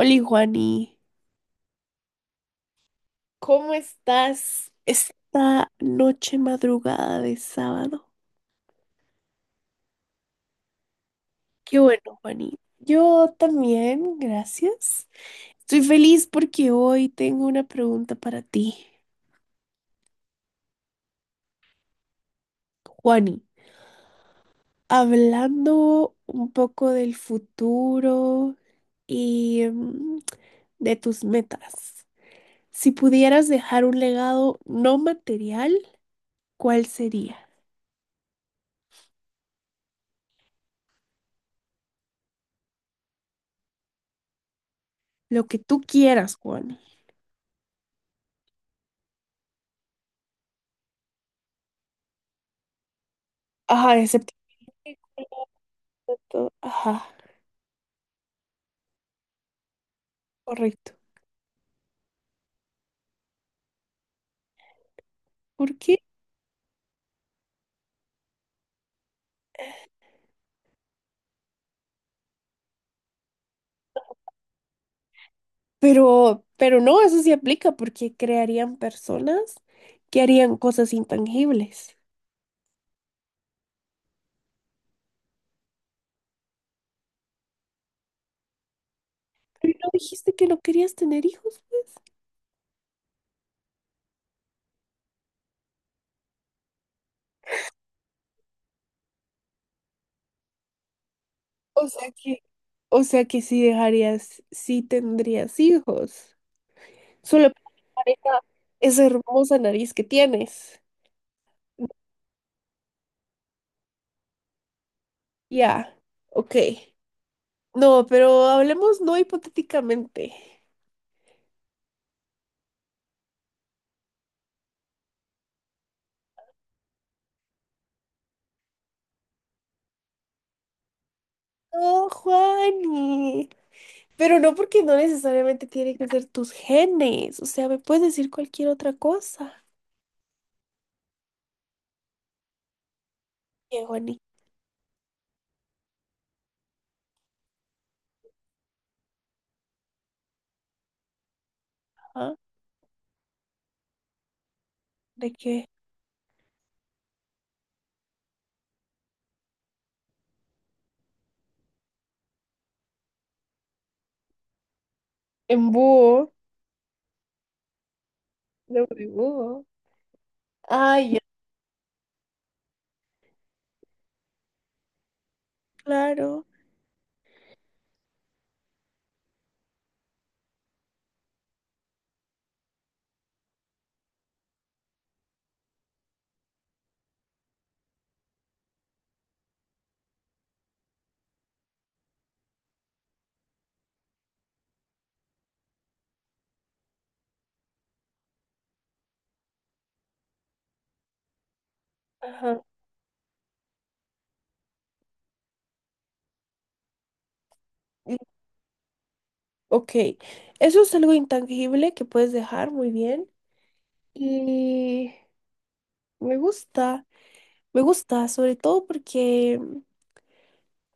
Oli, Juani, ¿cómo estás esta noche madrugada de sábado? Qué bueno, Juani. Yo también, gracias. Estoy feliz porque hoy tengo una pregunta para ti. Juani, hablando un poco del futuro y de tus metas, si pudieras dejar un legado no material, ¿cuál sería? Lo que tú quieras, Juani. Ajá, excepto. Exacto, ajá, correcto. ¿Por qué? Pero no, eso sí aplica porque crearían personas que harían cosas intangibles. Pero no dijiste que no querías tener hijos, pues. O sea que, o sea que sí dejarías, sí tendrías hijos. Solo para esa hermosa nariz que tienes. Ya, ok. No, pero hablemos no hipotéticamente. No, Juani. Pero no porque no necesariamente tiene que ser tus genes. O sea, me puedes decir cualquier otra cosa. ¿Qué, Juanita? ¿Ah? ¿De qué? En búho. De búho. Ay, ya, claro. Ajá. Y- Ok. Eso es algo intangible que puedes dejar muy bien. Y me gusta. Me gusta, sobre todo porque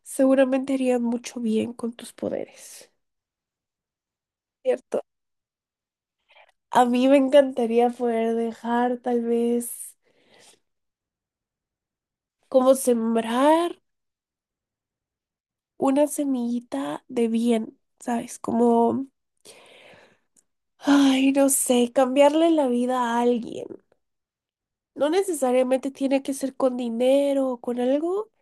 seguramente harían mucho bien con tus poderes. ¿Cierto? A mí me encantaría poder dejar tal vez como sembrar, una semillita de bien, ¿sabes? Como, ay, no sé, cambiarle la vida a alguien. No necesariamente tiene que ser con dinero o con algo,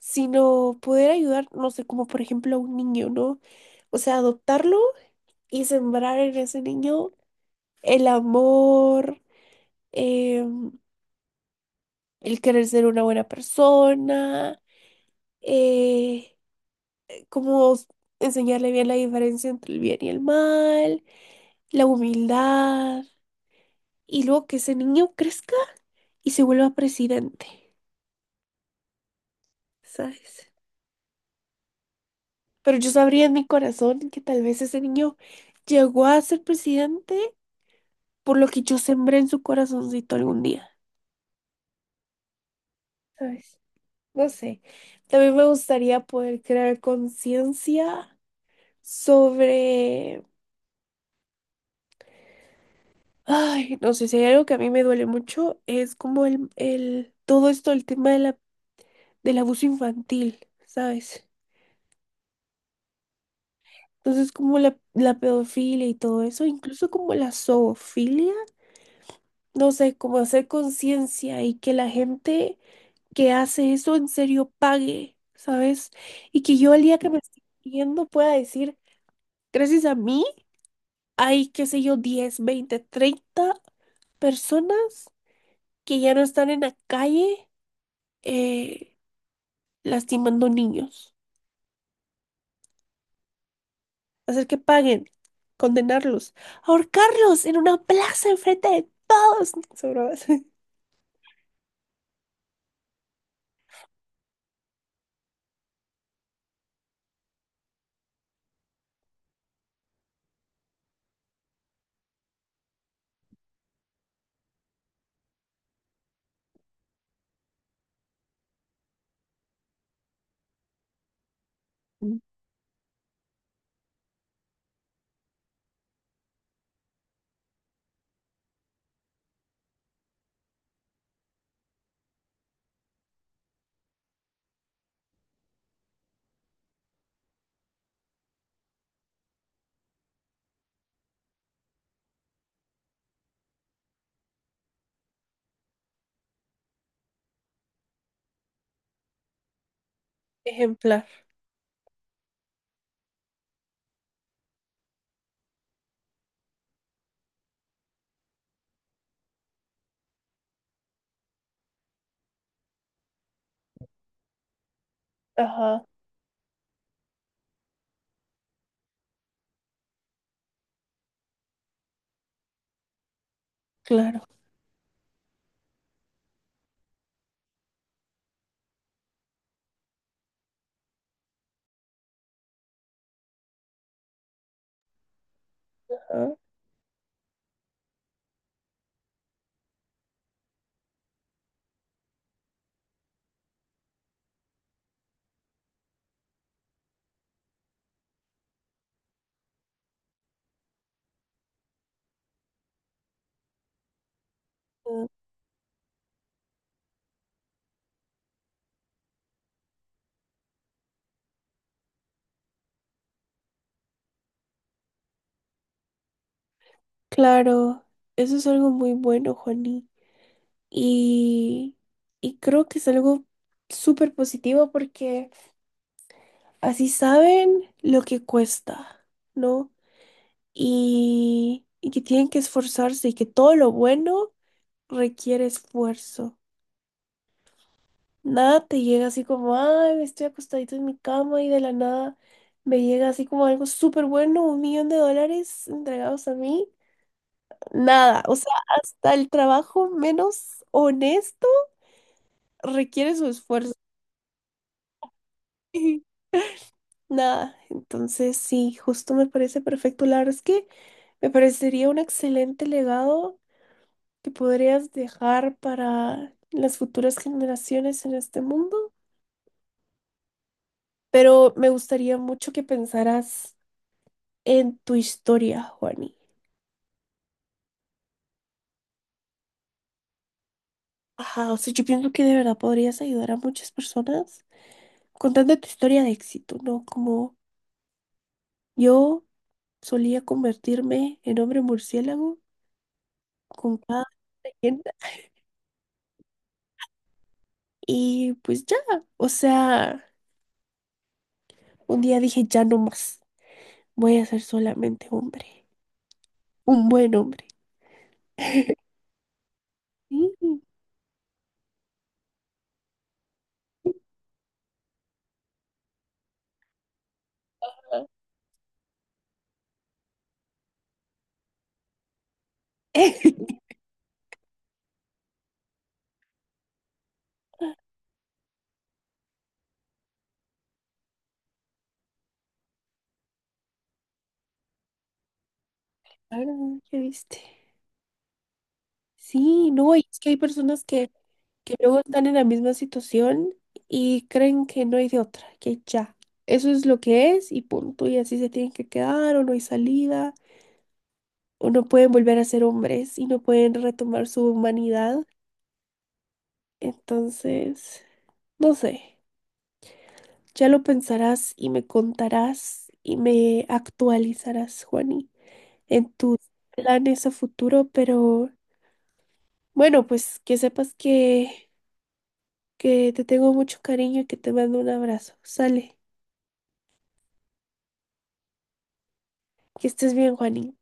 sino poder ayudar, no sé, como por ejemplo a un niño, ¿no? O sea, adoptarlo y sembrar en ese niño el amor, em, el querer ser una buena persona, eh, como enseñarle bien la diferencia entre el bien y el mal, la humildad, y luego que ese niño crezca y se vuelva presidente, ¿sabes? Pero yo sabría en mi corazón que tal vez ese niño llegó a ser presidente por lo que yo sembré en su corazoncito algún día, ¿sabes? No sé. También me gustaría poder crear conciencia sobre. Ay, no sé, si hay algo que a mí me duele mucho es como todo esto, el tema de del abuso infantil, ¿sabes? Entonces, como la pedofilia y todo eso, incluso como la zoofilia, no sé, como hacer conciencia y que la gente que hace eso en serio pague, ¿sabes? Y que yo el día que me esté muriendo pueda decir, gracias a mí, hay, qué sé yo, 10, 20, 30 personas que ya no están en la calle, eh, lastimando niños. Hacer que paguen, condenarlos, ahorcarlos en una plaza enfrente de todos. Son bromas. Mm. Ejemplar. Ajá, claro. Ajá. Ah, claro. Eso es algo muy bueno, Juani. Y, y creo que es algo súper positivo porque así saben lo que cuesta, ¿no? Y que tienen que esforzarse y que todo lo bueno requiere esfuerzo. Nada te llega así como, ay, me estoy acostadito en mi cama y de la nada me llega así como algo súper bueno, 1 millón de dólares entregados a mí. Nada, o sea, hasta el trabajo menos honesto requiere su esfuerzo. Nada, entonces sí, justo me parece perfecto. La verdad es que me parecería un excelente legado que podrías dejar para las futuras generaciones en este mundo, pero me gustaría mucho que pensaras en tu historia, Juani. Ajá, o sea, yo pienso que de verdad podrías ayudar a muchas personas contando tu historia de éxito, ¿no? Como yo solía convertirme en hombre murciélago con cada leyenda y pues ya, o sea, un día dije ya no más, voy a ser solamente hombre, un buen hombre. Sí, claro, ya viste. Sí, no, y es que hay personas que luego están en la misma situación y creen que no hay de otra, que ya, eso es lo que es y punto, y así se tienen que quedar o no hay salida. O no pueden volver a ser hombres y no pueden retomar su humanidad. Entonces, no sé, ya lo pensarás y me contarás y me actualizarás, Juani, en tus planes a futuro, pero bueno, pues que sepas que, te tengo mucho cariño y que te mando un abrazo. Sale, que estés bien, Juani.